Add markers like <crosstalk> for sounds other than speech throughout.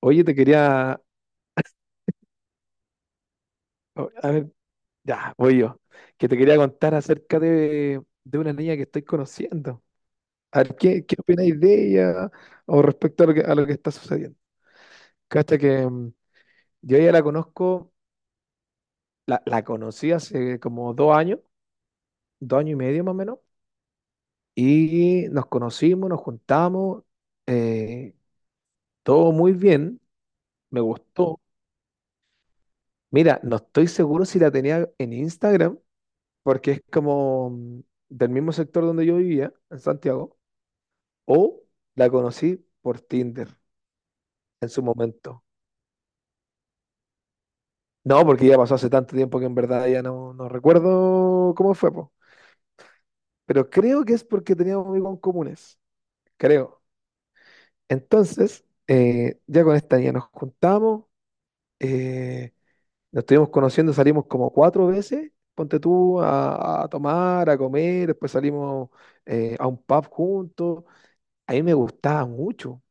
Oye, te quería, a ver, ya, voy yo, que te quería contar acerca de una niña que estoy conociendo. A ver, ¿qué opináis de ella o respecto a lo que está sucediendo? Cacha que yo ya la conozco, la conocí hace como 2 años, 2 años y medio más o menos, y nos conocimos, nos juntamos, eh, todo muy bien, me gustó. Mira, no estoy seguro si la tenía en Instagram porque es como del mismo sector donde yo vivía, en Santiago, o la conocí por Tinder en su momento. No, porque ya pasó hace tanto tiempo que en verdad ya no recuerdo cómo fue, po. Pero creo que es porque teníamos amigos en comunes, creo. Entonces, ya con esta niña nos juntamos, eh, nos estuvimos conociendo, salimos como cuatro veces, ponte tú a tomar, a comer, después salimos a un pub juntos. A mí me gustaba mucho.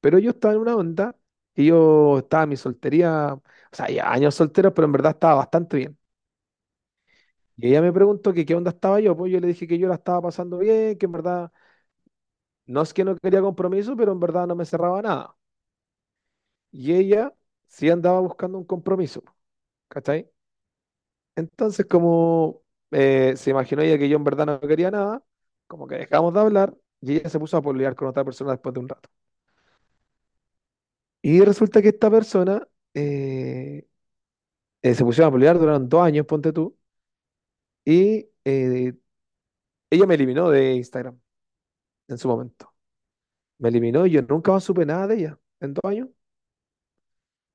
Pero yo estaba en una onda y yo estaba en mi soltería, o sea, ya años solteros, pero en verdad estaba bastante bien. Y ella me preguntó que qué onda estaba yo, pues yo le dije que yo la estaba pasando bien, que en verdad no es que no quería compromiso, pero en verdad no me cerraba nada. Y ella sí andaba buscando un compromiso, ¿cachai? Entonces, como se imaginó ella que yo en verdad no quería nada, como que dejamos de hablar y ella se puso a pololear con otra persona después de un rato. Y resulta que esta persona eh, se pusieron a pololear, duraron 2 años, ponte tú. Y ella me eliminó de Instagram en su momento. Me eliminó y yo nunca más supe nada de ella en 2 años.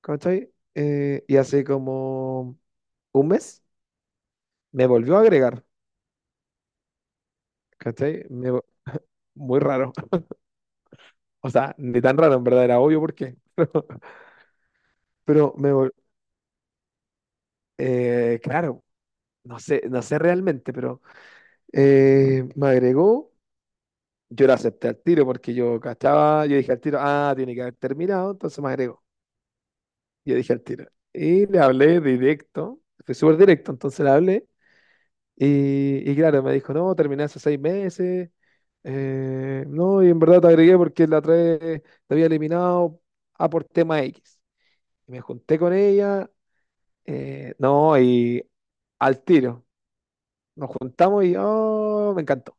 ¿Cachai? Y hace como un mes me volvió a agregar. ¿Cachai? Muy raro. <laughs> O sea, ni tan raro, en verdad, era obvio por qué. Pero claro, no sé realmente, pero me agregó. Yo la acepté al tiro porque yo cachaba, yo dije al tiro, ah, tiene que haber terminado, entonces me agregó. Yo dije al tiro. Y le hablé directo, fue súper directo, entonces le hablé. Y claro, me dijo, no, terminé hace 6 meses. No, y en verdad te agregué porque la otra vez te había eliminado a por tema X. Y me junté con ella, no, y al tiro. Nos juntamos y oh, me encantó.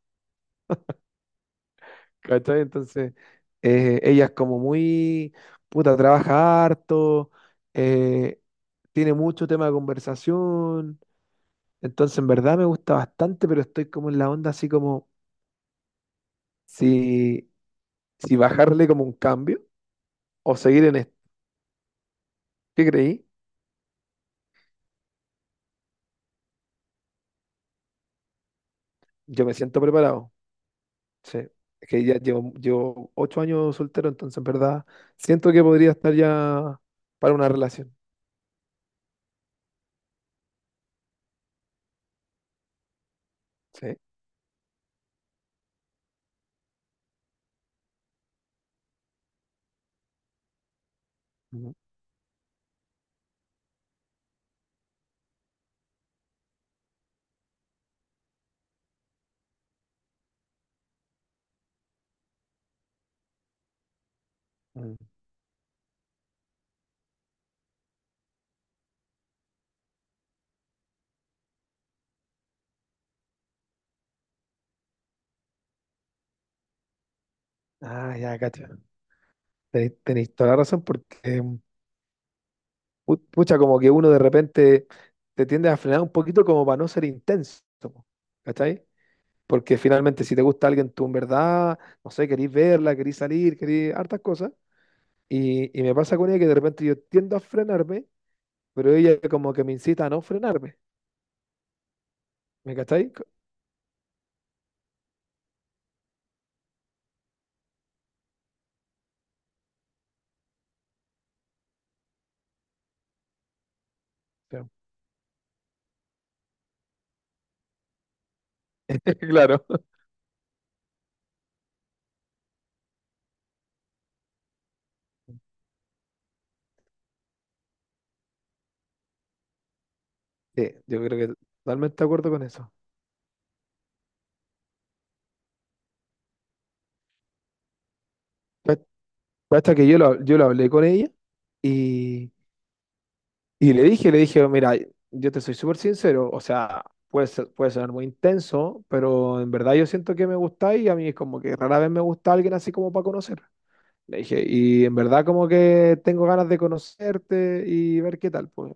¿Cachai? Entonces, ella es como muy, puta, trabaja harto, eh, tiene mucho tema de conversación. Entonces, en verdad me gusta bastante, pero estoy como en la onda así como si, si bajarle como un cambio o seguir en esto. ¿Qué creí? Yo me siento preparado. Sí. Es que ya llevo 8 años soltero, entonces en verdad siento que podría estar ya para una relación. Sí. Mm, mm. Ah, ya, cacho. Tenéis toda la razón porque, pucha, como que uno de repente te tiende a frenar un poquito como para no ser intenso, po, ¿cachai? Porque finalmente, si te gusta alguien, tú en verdad, no sé, querís verla, querís salir, querís hartas cosas. Y me pasa con ella que de repente yo tiendo a frenarme, pero ella como que me incita a no frenarme. ¿Me cacháis? Claro. <laughs> Claro. Sí, yo creo que totalmente de acuerdo con eso. Pues, basta que yo lo hablé con ella y, y le dije, mira, yo te soy súper sincero, o sea, puede sonar muy intenso, pero en verdad yo siento que me gusta y a mí es como que rara vez me gusta alguien así como para conocer. Le dije, y en verdad como que tengo ganas de conocerte y ver qué tal, pues.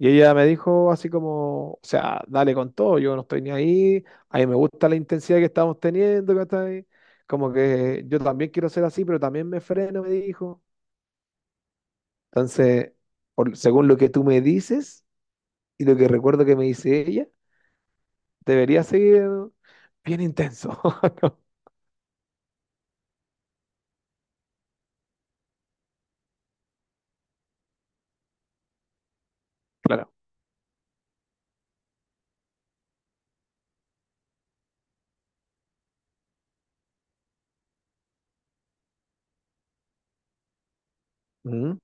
Y ella me dijo así como, o sea, dale con todo, yo no estoy ni ahí, a mí me gusta la intensidad que estamos teniendo, ¿cachai? Como que yo también quiero ser así, pero también me freno, me dijo. Entonces, según lo que tú me dices y lo que recuerdo que me dice ella, debería seguir bien intenso. <laughs> Claro. Mm.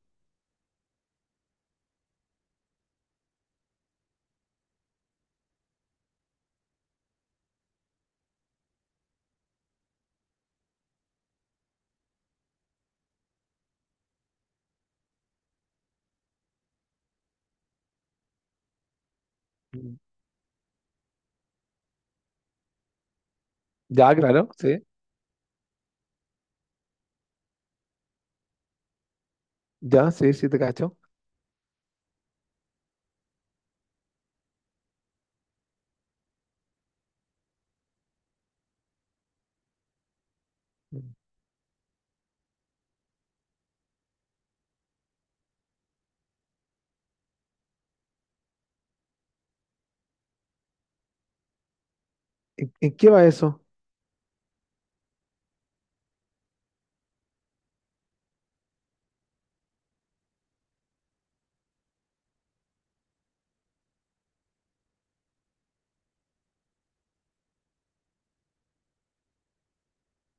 Ya, claro, sí. Ya, sí, sí, te cacho. ¿En qué va eso?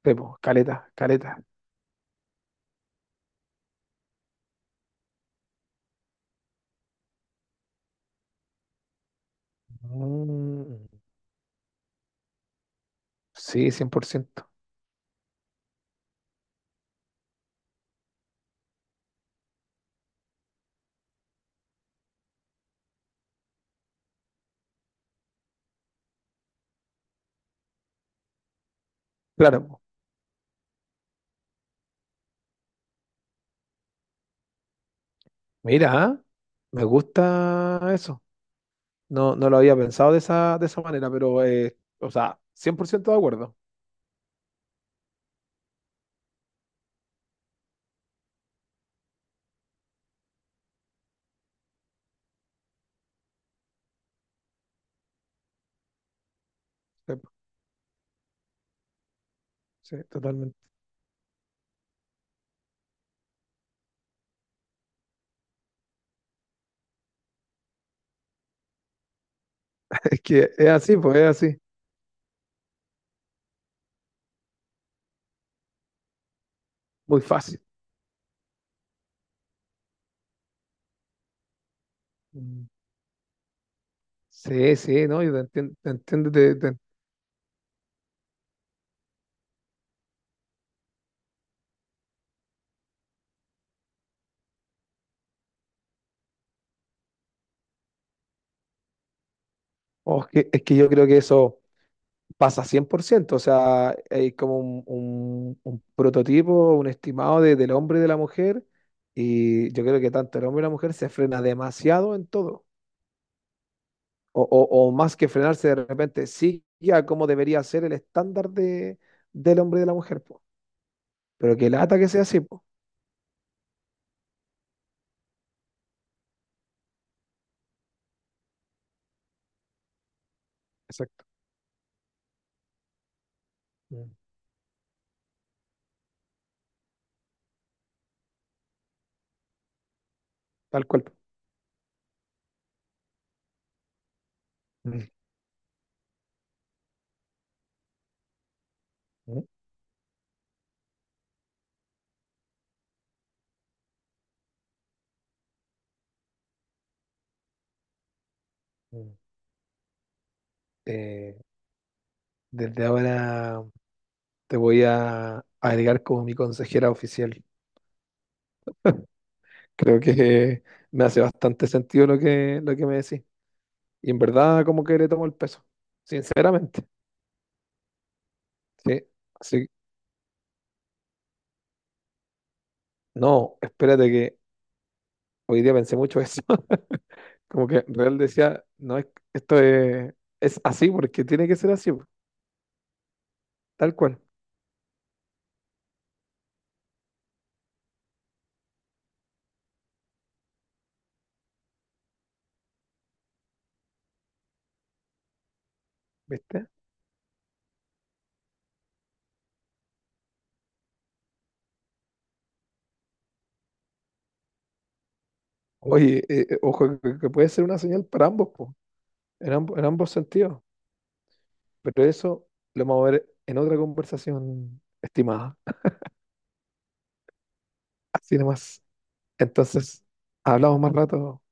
Sí, po, caleta, caleta. Mm. Sí, 100%. Claro, po. Mira, ah, me gusta eso. No, no lo había pensado de esa manera, pero, o sea, 100% de acuerdo. Sí, po, sí, totalmente. <laughs> Es que es así, pues es así. Muy fácil. Mm. Sí, sí, ¿no? Yo te entiendo, oh, es que yo creo que eso pasa 100%. O sea, hay como un, un prototipo, un estimado del hombre y de la mujer, y yo creo que tanto el hombre y la mujer se frena demasiado en todo, o más que frenarse de repente, sí, ya como debería ser el estándar del hombre y de la mujer, po. Pero que lata que sea así, po. Exacto. Mm. Tal cual. Mm, mm, mm. Eh, desde ahora te voy a agregar como mi consejera oficial. Creo que me hace bastante sentido lo que me decís. Y en verdad, como que le tomo el peso. Sinceramente. Sí. Así, no, espérate que hoy día pensé mucho eso. <laughs> Como que real decía, no es, esto es así porque tiene que ser así, po, tal cual. ¿Viste? Oye, ojo, que puede ser una señal para ambos, po, en ambos sentidos. Pero eso lo vamos a ver en otra conversación, estimada. Así nomás. Entonces, hablamos más rato.